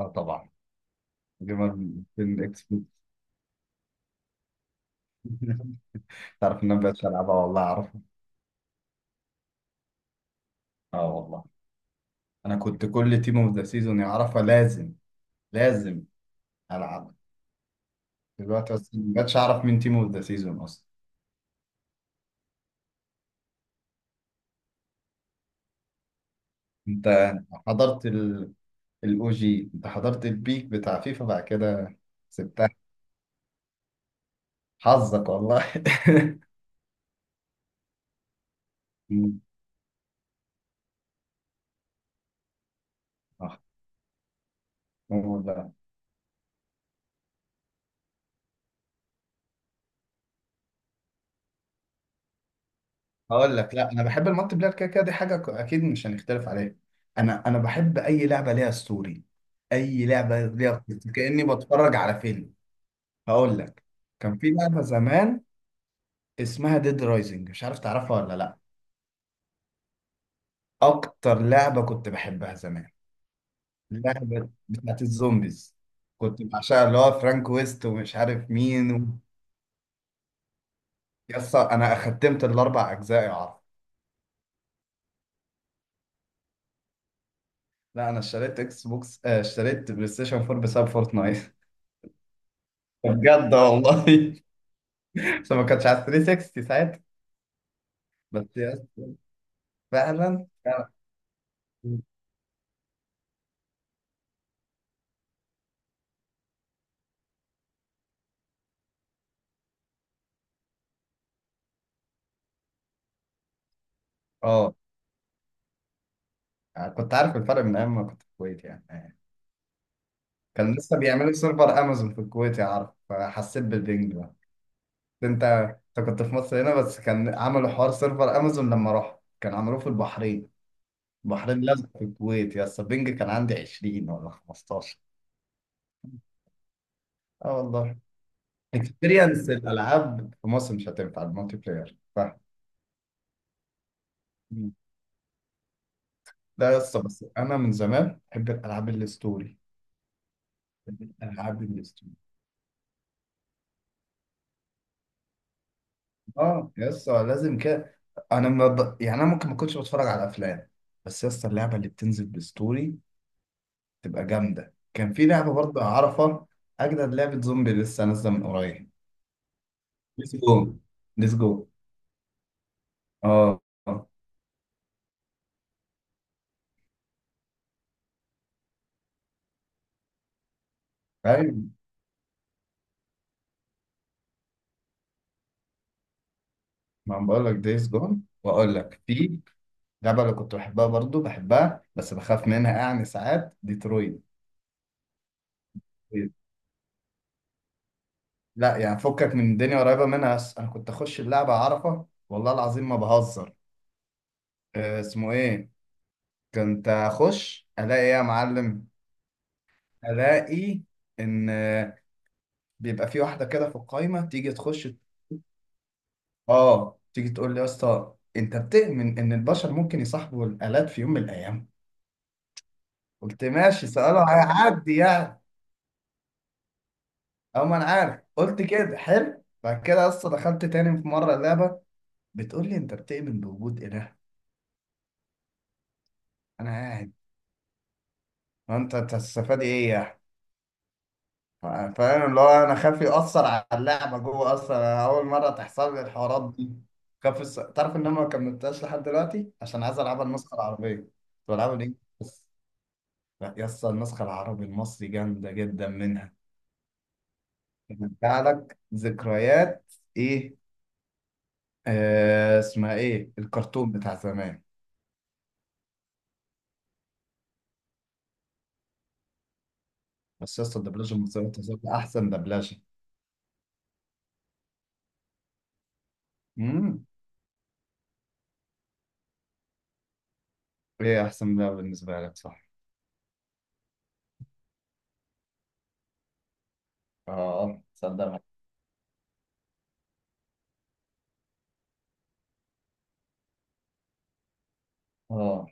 اه طبعا. جيمر، فين اكس بوكس. تعرف ان انا مبقتش العبها، والله اعرفها. اه والله. انا كنت كل تيم اوف ذا سيزون يعرفها، لازم لازم العبها. دلوقتي بس مبقتش اعرف مين تيم اوف ذا سيزون اصلا. انت حضرت الاو جي، انت حضرت البيك بتاع فيفا بعد كده. سبتها، حظك والله. مم. آه. والله هقول لك، لا انا بحب المالتي بلاير كده كده، دي حاجه اكيد مش هنختلف عليها. انا بحب اي لعبه ليها ستوري، اي لعبه ليها قصة، كاني بتفرج على فيلم. هقول لك، كان في لعبه زمان اسمها ديد رايزنج، مش عارف تعرفها ولا لا. اكتر لعبه كنت بحبها زمان، لعبه بتاعت الزومبيز، كنت بعشقها، اللي هو فرانك ويست ومش عارف مين يس انا ختمت الاربع اجزاء يا عرب. لا انا اشتريت اكس بوكس، اشتريت بلاي ستيشن 4 بسبب فورتنايت. بجد والله. بس ما كانتش على 360 ساعتها. بس يا اسطى فعلا فعلا. اه، يعني كنت عارف الفرق من ايام ما كنت في الكويت يعني. كان لسه بيعملوا سيرفر امازون في الكويت يا عارف، فحسيت بالبنج بقى. انت انت كنت في مصر هنا بس كان عملوا حوار سيرفر امازون، لما رحت كان عملوه في البحرين. البحرين لازم، في الكويت يا اسطى البنج كان عندي 20 ولا 15. اه والله. اكسبيرينس الالعاب في مصر مش هتنفع المالتي بلاير، فاهم؟ لا يا اسطى، بس انا من زمان بحب الالعاب الستوري، العاب الاستوديو. اه يا اسطى لازم كده. انا ما ب... يعني انا ممكن ما كنتش بتفرج على افلام، بس يا اسطى اللعبه اللي بتنزل بالستوري تبقى جامده. كان في لعبه برضه اعرفها، اجدد لعبه زومبي لسه نازله من قريب، ديز جو ديز جو. اه. آه. ايوه، ما أنا بقول لك ديز جو. واقول لك في لعبه اللي كنت بحبها برضه، بحبها بس بخاف منها يعني ساعات، ديترويد. لا يعني فكك من الدنيا قريبه منها، بس انا كنت اخش اللعبه اعرفها، والله العظيم ما بهزر. اسمه ايه، كنت اخش الاقي ايه يا معلم. الاقي ان بيبقى في واحده كده في القايمه تيجي تخش. اه، تيجي تقول لي يا اسطى، انت بتؤمن ان البشر ممكن يصاحبوا الالات في يوم من الايام؟ قلت ماشي، سؤاله هيعدي يعني. او ما انا عارف قلت كده حلو. بعد كده يا اسطى دخلت تاني في مره لعبه بتقول لي، انت بتؤمن بوجود اله؟ انا قاعد وانت هتستفاد ايه يعني؟ فاهم اللي هو انا خايف يأثر على اللعبة جوه، اصلا انا اول مرة تحصل لي الحوارات دي. تعرف ان انا ما كملتهاش لحد دلوقتي عشان عايز العبها النسخة العربية، كنت بلعبها الانجليزي بس. لا يا اسطى النسخة العربي المصري جامدة جدا منها. بترجع لك ذكريات. ايه، آه، اسمها ايه الكرتون بتاع زمان. بس يا اسطى الدبلجة المصرية تظل احسن دبلجة. امم ايه احسن ده بالنسبة لك، صح. اه صدق. اه.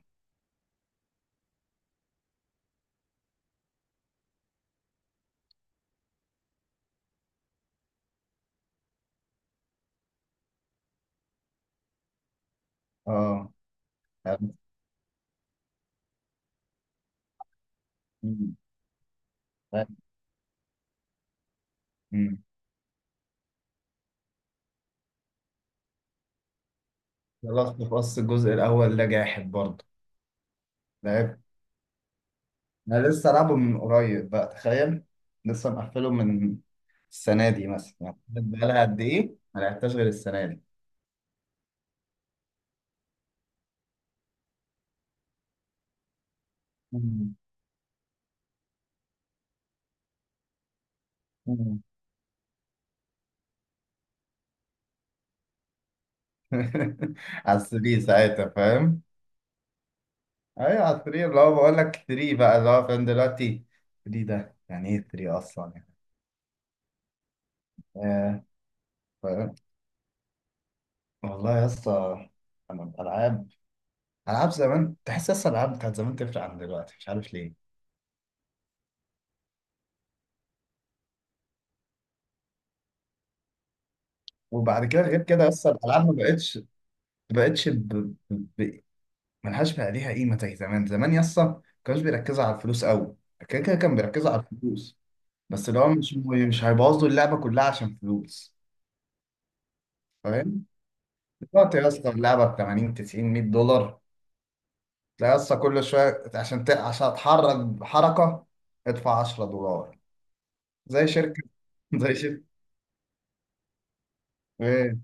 اه. مم. مم. خلاص بص، الجزء الأول ده جاحد برضه. لعب، أنا لسه لعبه من قريب بقى، تخيل، لسه مقفله من السنة دي مثلا يعني، بقالها قد إيه؟ ما لعبتهاش غير السنة دي. مم. مم. على 3 ساعتها فاهم؟ أيوة على 3، اللي هو بقول لك 3 بقى اللي هو فاهم دلوقتي، 3 ده يعني إيه 3 أصلا يعني؟ آه، فاهم؟ والله يا اسطى، أنا الألعاب، ألعاب زمان تحس أصلا الألعاب بتاعت زمان تفرق عن دلوقتي، مش عارف ليه. وبعد كده غير كده يس الالعاب ما بقتش ملهاش بقى ليها قيمه زي زمان. زمان يس ما كانوش بيركزوا على الفلوس قوي، كده كده كان بيركزوا على الفلوس بس اللي هو مش هيبوظوا اللعبه كلها عشان فلوس، فاهم؟ دلوقتي يس اللعبه ب 80 90 $100، تلاقي يس كل شويه عشان عشان اتحرك حركه ادفع $10، زي شركه. زي شركه. ايه؟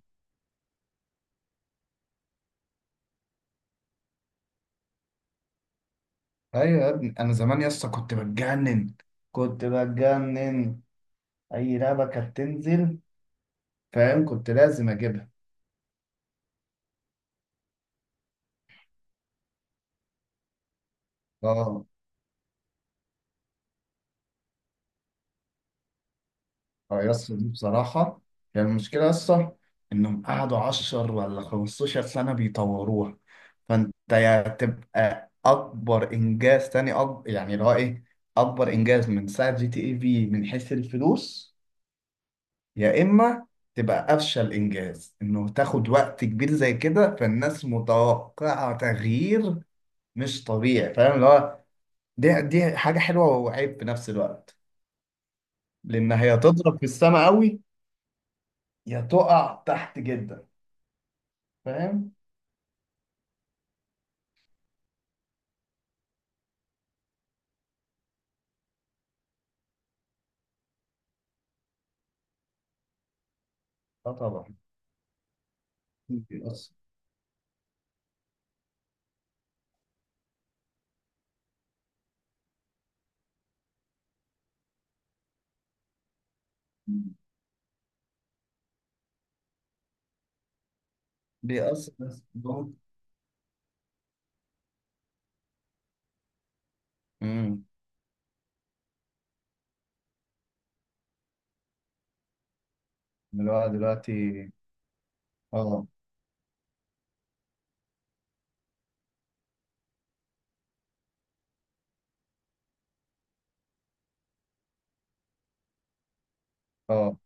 ايوه يا ابني، انا زمان يس كنت بتجنن كنت بتجنن، اي لعبه كانت تنزل فاهم كنت لازم اجيبها. اه. اه يس دي بصراحه، كان المشكله يس انهم قعدوا 10 ولا 15 سنه بيطوروها. فانت يا تبقى اكبر انجاز، تاني أكبر يعني اللي هو ايه، اكبر انجاز من ساعه جي تي اي في من حيث الفلوس. يا اما تبقى افشل انجاز، انه تاخد وقت كبير زي كده فالناس متوقعه تغيير مش طبيعي. فاهم اللي هو، دي حاجه حلوه وعيب في نفس الوقت، لان هي تضرب في السماء قوي يا تقع تحت جدا. فاهم؟ اه طبعا بيأثر. بيأثر بس برضه. امم اللي هو دلوقتي. اه. اه.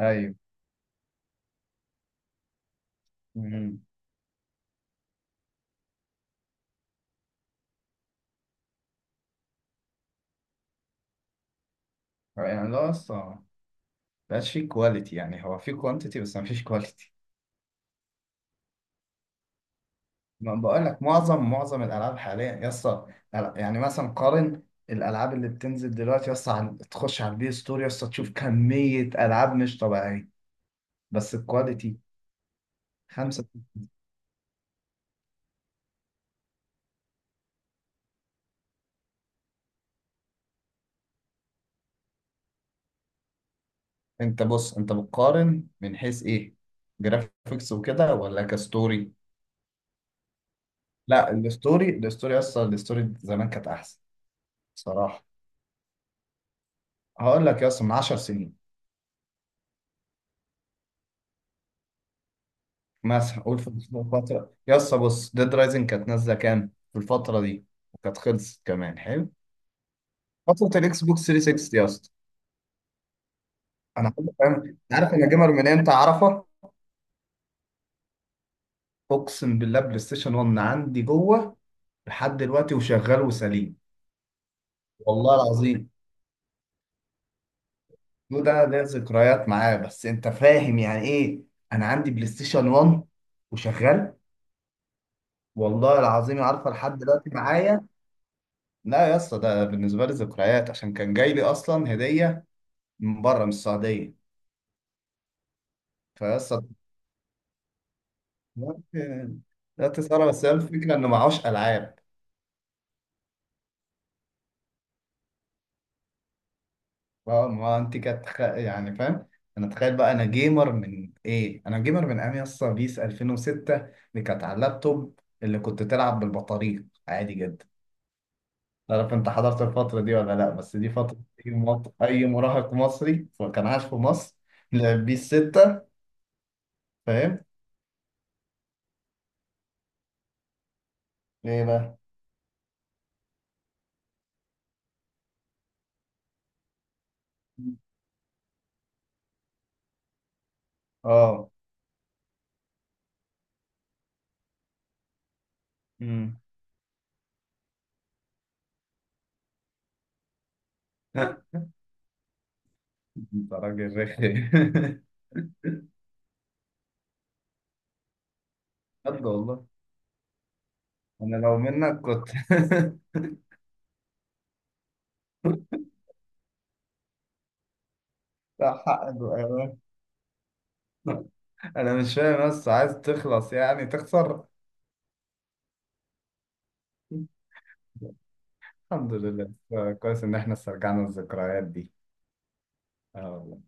ايوه. امم يعني لا اصلا، مبقاش فيه كواليتي، يعني هو فيه كوانتيتي بس مفيش كواليتي. ما بقول لك معظم الالعاب حاليا يا اسطى، يعني مثلا قارن الالعاب اللي بتنزل دلوقتي يا اسطى تخش على البي ستور يا اسطى تشوف كميه العاب مش طبيعيه، بس الكواليتي. خمسة. انت بص، انت بتقارن من حيث ايه، جرافيكس وكده ولا كستوري؟ لا، الستوري اصلا الستوري زمان كانت احسن. صراحه هقول لك يا اسطى من 10 سنين مثلا، قول في الفتره يا اسطى بص ديد رايزنج كانت نازله كام في الفتره دي، وكانت خلصت كمان حلو، فتره الاكس بوكس 360 يا اسطى. انا عارف فاهم، عارف انا جيمر من امتى اعرفها. اقسم بالله، بلاي ستيشن 1 عندي جوه لحد دلوقتي وشغال وسليم، والله العظيم. ده ليا ذكريات معاه بس انت فاهم يعني ايه، انا عندي بلاي ستيشن 1 وشغال. والله العظيم عارفه لحد دلوقتي معايا. لا يا اسطى ده بالنسبه لي ذكريات، عشان كان جاي لي اصلا هديه من بره من السعوديه. فيا اسطى دلوقتي، ساره بس هي الفكره انه معهوش العاب. اه ما انت كانت يعني فاهم. انا تخيل بقى، انا جيمر من ايام يا اسطى بيس 2006، اللي كانت على اللابتوب اللي كنت تلعب بالبطاريق عادي جدا. لا عارف انت حضرت الفترة دي ولا لا، بس دي فترة اي أي مراهق مصري كان عايش في مصر لعب بيه الستة، فاهم؟ ايه بقى؟ اه. امم انت راجل رخي. بجد والله. انا لو منك كنت. لا، حق بقى. انا مش فاهم بس عايز تخلص يعني تخسر. الحمد لله. كويس ان احنا استرجعنا الذكريات دي. اه والله.